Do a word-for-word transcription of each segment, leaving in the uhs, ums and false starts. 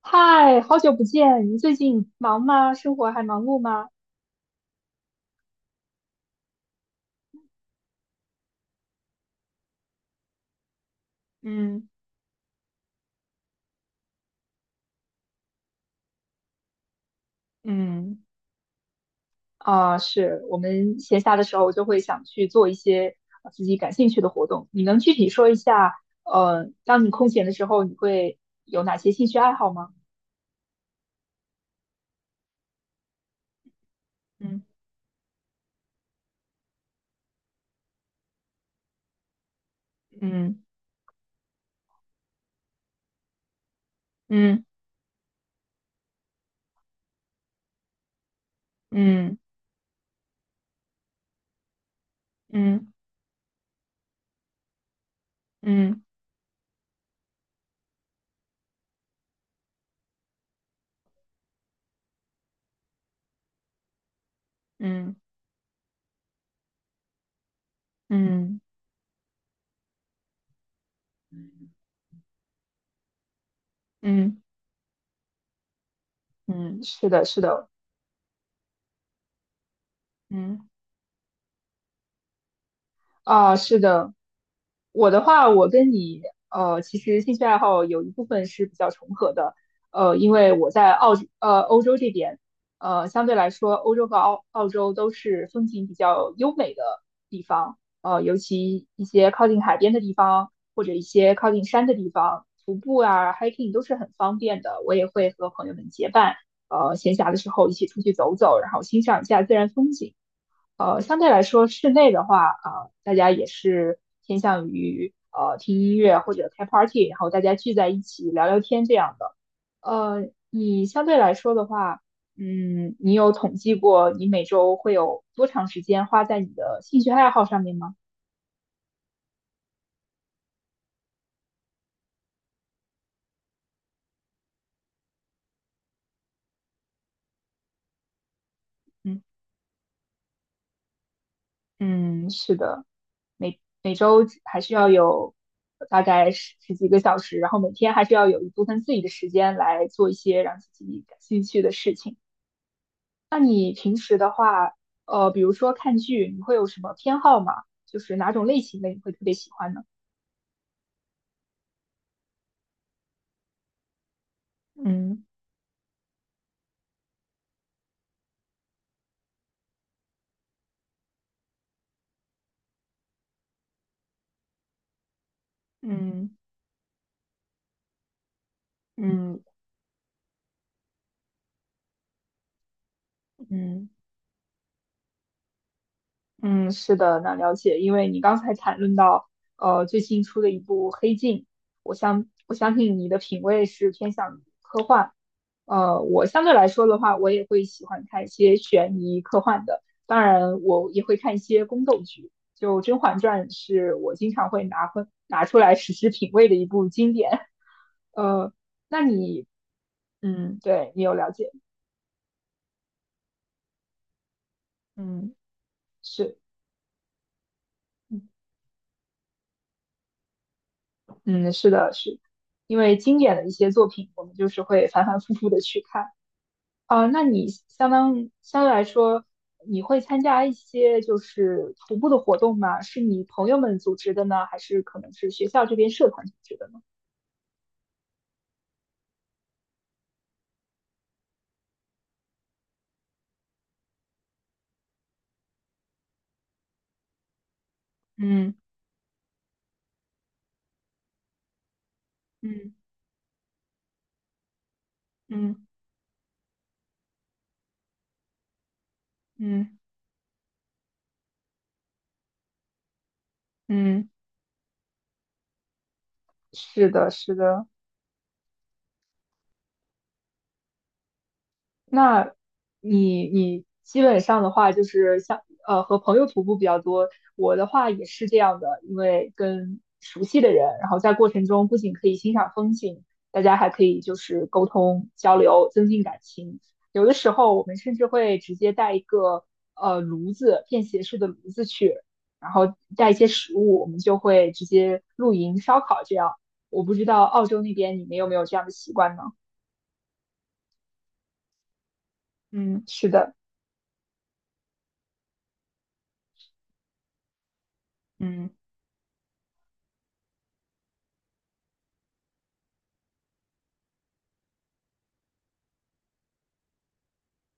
嗨，好久不见，你最近忙吗？生活还忙碌吗？嗯嗯。啊，是我们闲暇的时候就会想去做一些呃自己感兴趣的活动。你能具体说一下，呃，当你空闲的时候，你会有哪些兴趣爱好吗？嗯嗯嗯嗯嗯嗯嗯嗯嗯嗯嗯，是的，是的。嗯。啊，是的，我的话，我跟你呃，其实兴趣爱好有一部分是比较重合的，呃，因为我在澳呃欧洲这边，呃，相对来说，欧洲和澳澳洲都是风景比较优美的地方，呃，尤其一些靠近海边的地方，或者一些靠近山的地方，徒步啊、hiking 都是很方便的。我也会和朋友们结伴，呃，闲暇的时候一起出去走走，然后欣赏一下自然风景。呃，相对来说，室内的话，啊、大家也是偏向于呃听音乐或者开 party，然后大家聚在一起聊聊天这样的。呃，你相对来说的话，嗯，你有统计过你每周会有多长时间花在你的兴趣爱好上面吗？嗯嗯，是的，每每周还是要有大概十十几个小时，然后每天还是要有一部分自己的时间来做一些让自己感兴趣的事情。那你平时的话，呃，比如说看剧，你会有什么偏好吗？就是哪种类型的你会特别喜欢呢？嗯嗯嗯嗯嗯，是的，那了解。因为你刚才谈论到，呃，最近出的一部《黑镜》，我相我相信你的品味是偏向于呃，我相对来说的话，我也会喜欢看一些悬疑科幻的，当然我也会看一些宫斗剧。就《甄嬛传》是我经常会拿分拿出来实时品味的一部经典。呃，那你，嗯，对你有了解，嗯，是，嗯，是的，是，因为经典的一些作品，我们就是会反反复复的去看。啊，那你相当相对来说，你会参加一些就是徒步的活动吗？是你朋友们组织的呢，还是可能是学校这边社团组织的呢？嗯嗯嗯嗯嗯嗯，是的，是的。那你你基本上的话就是像呃和朋友徒步比较多，我的话也是这样的，因为跟熟悉的人，然后在过程中不仅可以欣赏风景，大家还可以就是沟通交流，增进感情。有的时候我们甚至会直接带一个呃炉子，便携式的炉子去，然后带一些食物，我们就会直接露营烧烤这样。我不知道澳洲那边你们有没有这样的习惯呢？嗯，是的，嗯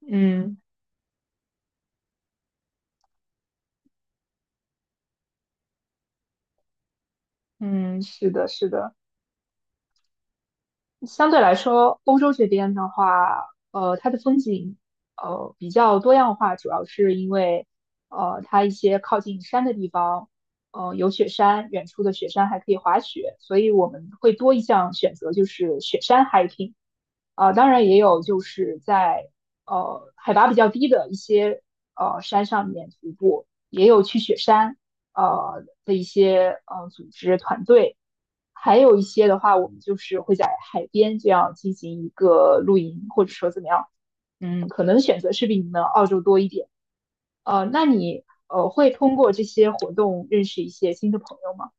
嗯。嗯，是的，是的。相对来说，欧洲这边的话，呃，它的风景，呃，比较多样化，主要是因为，呃，它一些靠近山的地方，呃，有雪山，远处的雪山还可以滑雪，所以我们会多一项选择，就是雪山 hiking。啊、当然也有就是在呃海拔比较低的一些呃山上面徒步，也有去雪山呃的一些呃组织团队。还有一些的话，我们就是会在海边这样进行一个露营，或者说怎么样，嗯，可能选择是比你们澳洲多一点。呃，那你呃会通过这些活动认识一些新的朋友吗？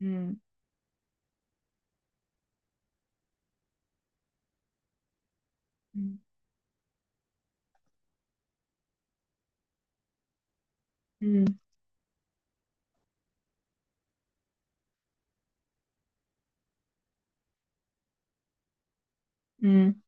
嗯嗯嗯嗯。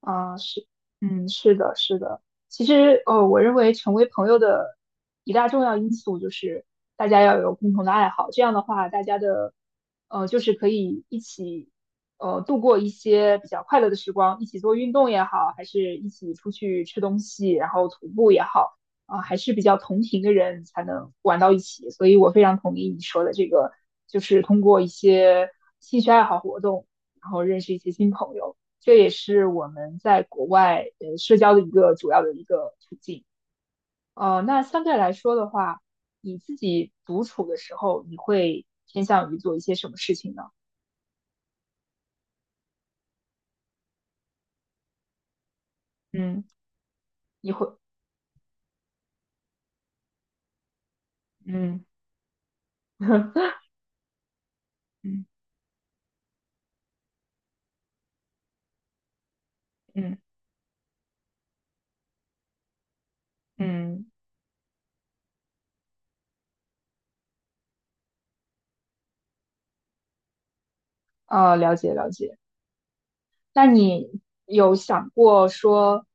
啊，是，嗯，是的，是的。其实，呃，我认为成为朋友的一大重要因素就是大家要有共同的爱好，这样的话，大家的，呃，就是可以一起，呃，度过一些比较快乐的时光，一起做运动也好，还是一起出去吃东西，然后徒步也好，啊，还是比较同频的人才能玩到一起。所以我非常同意你说的这个，就是通过一些兴趣爱好活动，然后认识一些新朋友。这也是我们在国外呃社交的一个主要的一个途径。呃，那相对来说的话，你自己独处的时候，你会偏向于做一些什么事情呢？嗯你会，嗯 嗯嗯嗯，呃，了解了解。那你有想过说，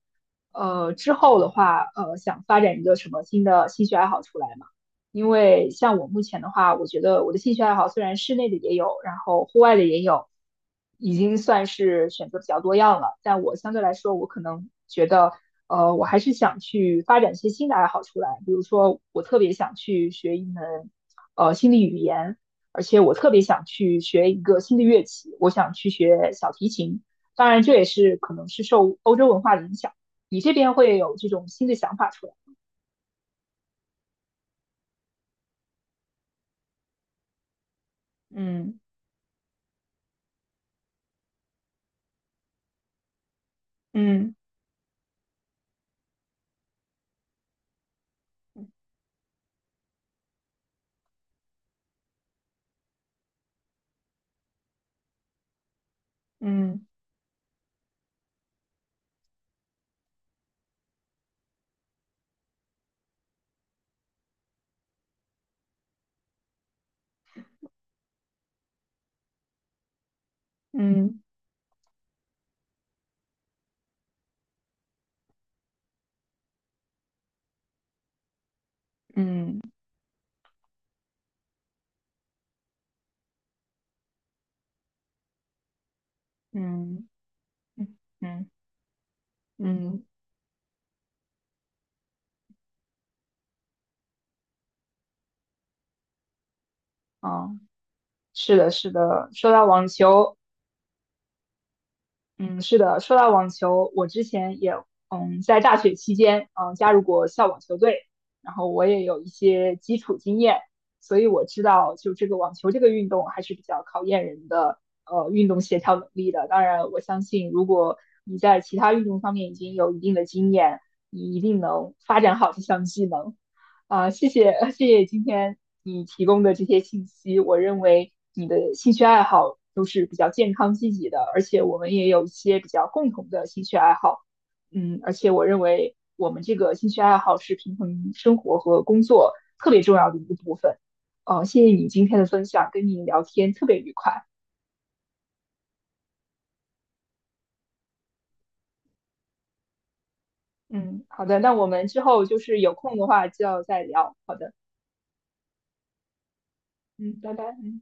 呃，之后的话，呃，想发展一个什么新的兴趣爱好出来吗？因为像我目前的话，我觉得我的兴趣爱好虽然室内的也有，然后户外的也有，已经算是选择比较多样了。但我相对来说，我可能觉得，呃，我还是想去发展一些新的爱好出来。比如说，我特别想去学一门，呃，新的语言，而且我特别想去学一个新的乐器，我想去学小提琴。当然，这也是可能是受欧洲文化的影响，你这边会有这种新的想法出来。嗯嗯嗯嗯嗯嗯嗯嗯嗯。哦，是的，是的。说到网球，嗯，是的，说到网球，我之前也嗯在大学期间嗯加入过校网球队，然后我也有一些基础经验，所以我知道就这个网球这个运动还是比较考验人的呃运动协调能力的。当然，我相信如果你在其他运动方面已经有一定的经验，你一定能发展好这项技能。啊，谢谢谢谢今天你提供的这些信息，我认为你的兴趣爱好都是比较健康积极的，而且我们也有一些比较共同的兴趣爱好，嗯，而且我认为我们这个兴趣爱好是平衡生活和工作特别重要的一个部分。哦，谢谢你今天的分享，跟你聊天特别愉快。嗯，好的，那我们之后就是有空的话就要再聊。好的，嗯，拜拜。嗯。